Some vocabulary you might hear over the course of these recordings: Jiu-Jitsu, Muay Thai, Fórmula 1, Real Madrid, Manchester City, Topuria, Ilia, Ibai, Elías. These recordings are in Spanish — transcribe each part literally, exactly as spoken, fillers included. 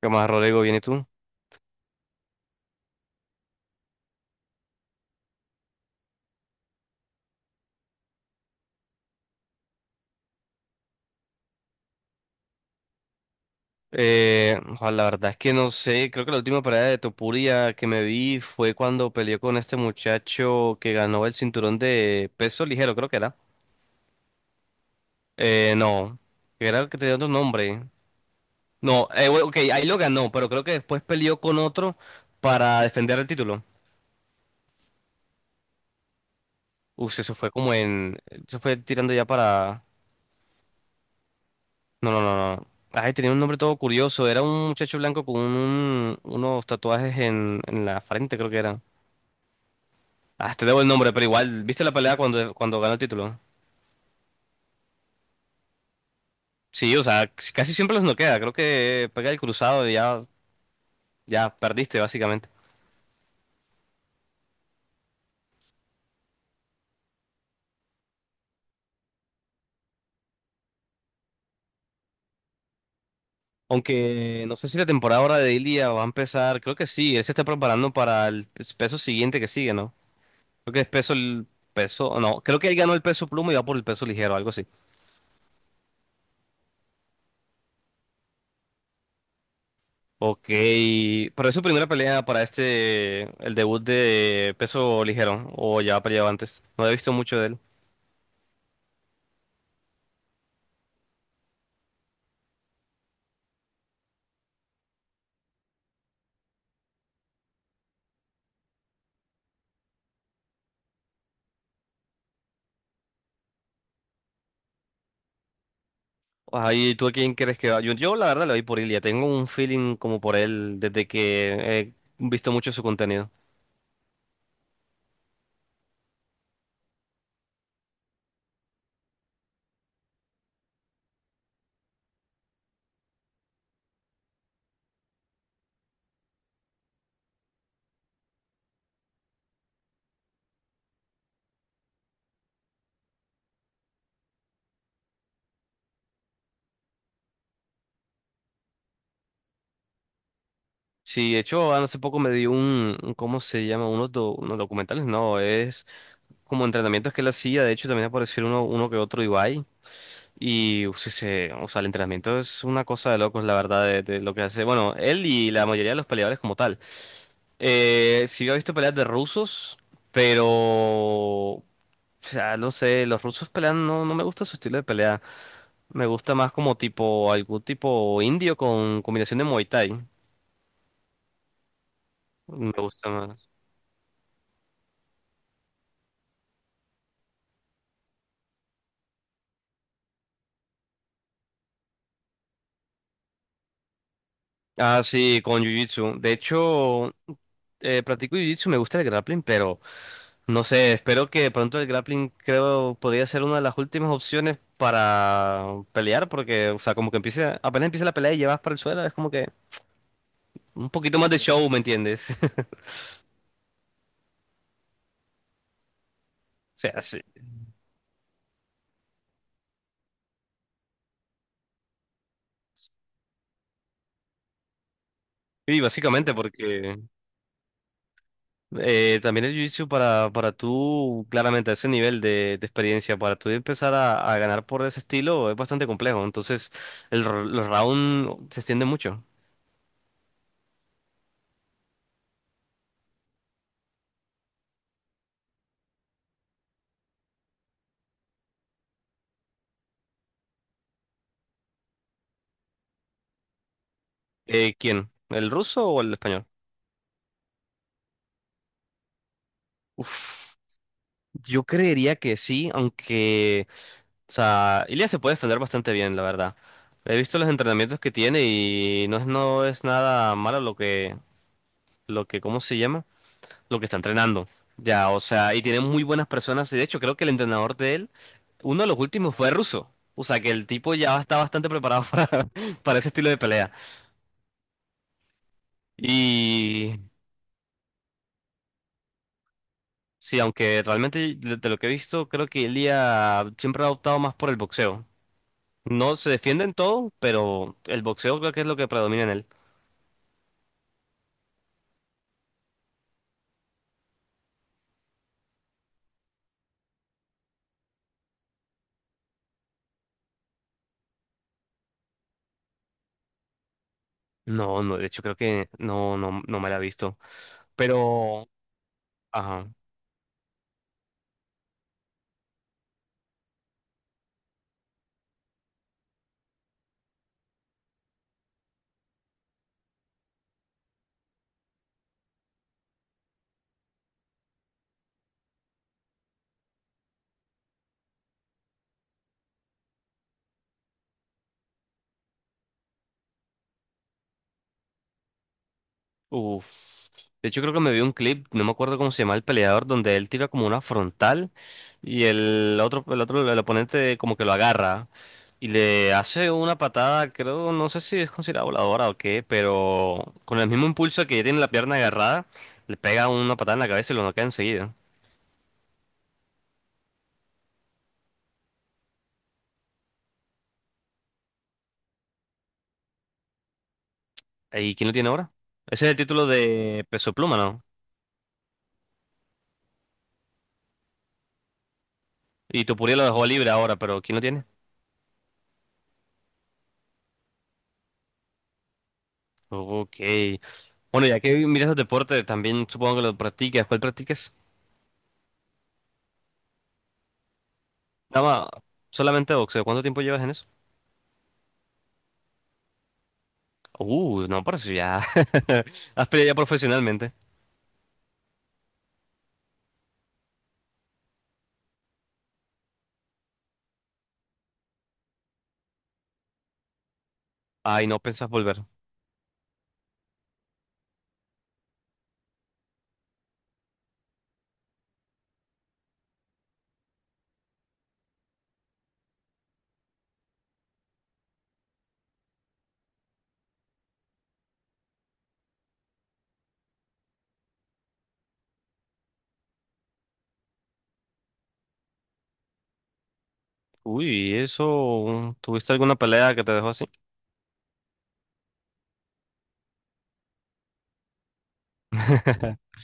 ¿Qué más, Rodrigo? ¿Vienes tú? Eh, ojalá, la verdad es que no sé, creo que la última pelea de Topuria que me vi fue cuando peleó con este muchacho que ganó el cinturón de peso ligero, creo que era. Eh, no, Que era el que tenía otro nombre. No, eh, bueno, ok, ahí lo ganó, pero creo que después peleó con otro para defender el título. Uf, eso fue como en... Eso fue tirando ya para... No, no, no, no. Ay, tenía un nombre todo curioso, era un muchacho blanco con un- unos tatuajes en, en la frente, creo que era. Ah, te debo el nombre, pero igual, ¿viste la pelea cuando, cuando ganó el título? Sí, o sea, c- casi siempre los noquea. Creo que pega el cruzado y ya, ya perdiste, básicamente. Aunque no sé si la temporada ahora de Ilia va a empezar. Creo que sí, él se está preparando para el peso siguiente que sigue, ¿no? Creo que es peso, el peso, no, creo que él ganó el peso pluma y va por el peso ligero, algo así. Ok, pero es su primera pelea para este, el debut de peso ligero, o ya ha peleado antes. No he visto mucho de él. Ahí, ¿tú a quién crees que va? Yo, yo, la verdad le voy por Ilia. Tengo un feeling como por él desde que he visto mucho su contenido. Sí, de hecho, hace poco me dio un, un- ¿cómo se llama? Unos, do- unos documentales, no, es como entrenamientos que él hacía. De hecho, también apareció uno, uno que otro Ibai. Y, uf, sí, se- o sea, el entrenamiento es una cosa de locos, la verdad, de, de lo que hace. Bueno, él y la mayoría de los peleadores como tal. Eh, sí, yo he visto peleas de rusos, pero... O sea, no sé, los rusos pelean, no, no me gusta su estilo de pelea. Me gusta más como tipo, algún tipo indio con combinación de Muay Thai. Me gusta más. Ah, sí, con Jiu-Jitsu. De hecho, eh, practico Jiu-Jitsu, me gusta el grappling, pero no sé, espero que pronto el grappling creo podría ser una de las últimas opciones para pelear, porque, o sea, como que empiece, apenas empieza la pelea y llevas para el suelo, es como que un poquito más de show, ¿me entiendes? O sea, sí. Y básicamente porque... Eh, también el jiu-jitsu para, para tú, claramente, a ese nivel de, de experiencia, para tú empezar a, a ganar por ese estilo es bastante complejo. Entonces, el, r- los rounds se extienden mucho. Eh, ¿quién? ¿El ruso o el español? Uf, yo creería que sí, aunque, o sea, Ilya se puede defender bastante bien, la verdad. He visto los entrenamientos que tiene y no es, no es nada malo lo que, lo que, ¿cómo se llama? Lo que está entrenando. Ya, o sea, y tiene muy buenas personas. Y de hecho, creo que el entrenador de él, uno de los últimos fue ruso. O sea, que el tipo ya está bastante preparado para, para ese estilo de pelea. Y sí, aunque realmente de de lo que he visto, creo que Ilia siempre ha optado más por el boxeo. No se defiende en todo, pero el boxeo creo que es lo que predomina en él. No, no, de hecho creo que no, no, no me la he visto. Pero, ajá. Uf. De hecho, creo que me vi un clip, no me acuerdo cómo se llama el peleador, donde él tira como una frontal y el otro, el otro, el oponente como que lo agarra y le hace una patada, creo, no sé si es considerada voladora o qué, pero con el mismo impulso que tiene la pierna agarrada, le pega una patada en la cabeza y lo noquea enseguida. ¿Y quién lo tiene ahora? Ese es el título de peso pluma, ¿no? Y Topuria lo dejó libre ahora, pero ¿quién lo tiene? Ok. Bueno, ya que miras los deportes, también supongo que lo practicas. ¿Cuál practicas? Dama, solamente boxeo. ¿Cuánto tiempo llevas en eso? Uh, no, parece ya. Has peleado ya profesionalmente. Ay, no pensás volver. Uy, eso. ¿Tuviste alguna pelea que te dejó así?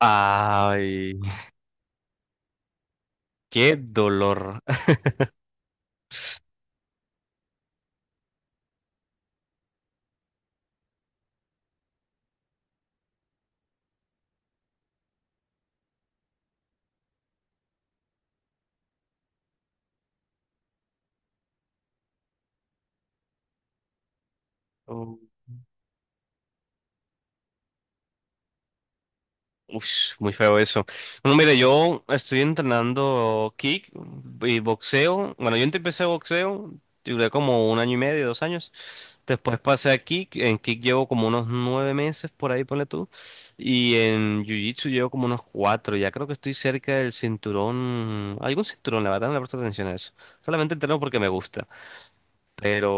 Ay, qué dolor. Ush, muy feo eso. Bueno, mire, yo estoy entrenando kick y boxeo. Bueno, yo empecé boxeo, duré como un año y medio, dos años. Después pasé a kick. En kick llevo como unos nueve meses, por ahí ponle tú. Y en jiu-jitsu llevo como unos cuatro. Ya creo que estoy cerca del cinturón. Algún cinturón, la verdad, no le presto atención a eso. Solamente entreno porque me gusta. Pero,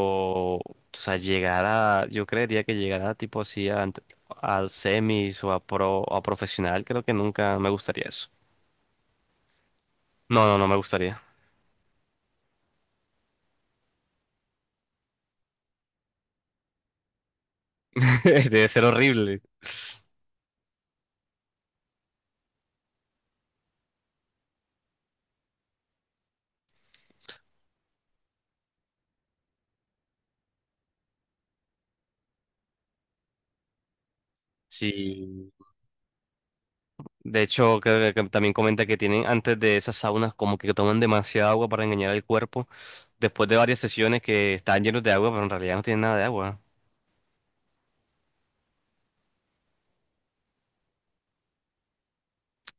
o sea, llegar a, yo creería que llegar a tipo así a, ant- a semis o a pro o a profesional, creo que nunca me gustaría eso. No, no, no me gustaría. Debe ser horrible. Sí. De hecho, creo que, que también comenta que tienen antes de esas saunas como que toman demasiada agua para engañar al cuerpo. Después de varias sesiones que están llenos de agua, pero en realidad no tienen nada de agua.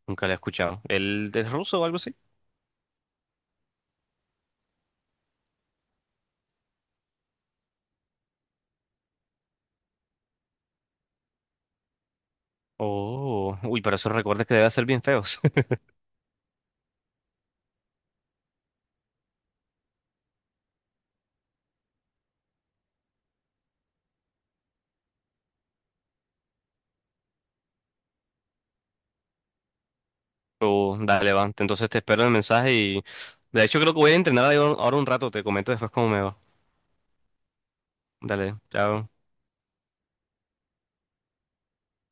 Nunca lo he escuchado. ¿Él es ruso o algo así? Oh, uy, pero esos recuerdos que debe ser bien feos. Oh, dale, va. Entonces te espero el mensaje y... De hecho, creo que voy a entrenar ahí ahora un rato. Te comento después cómo me va. Dale, chao.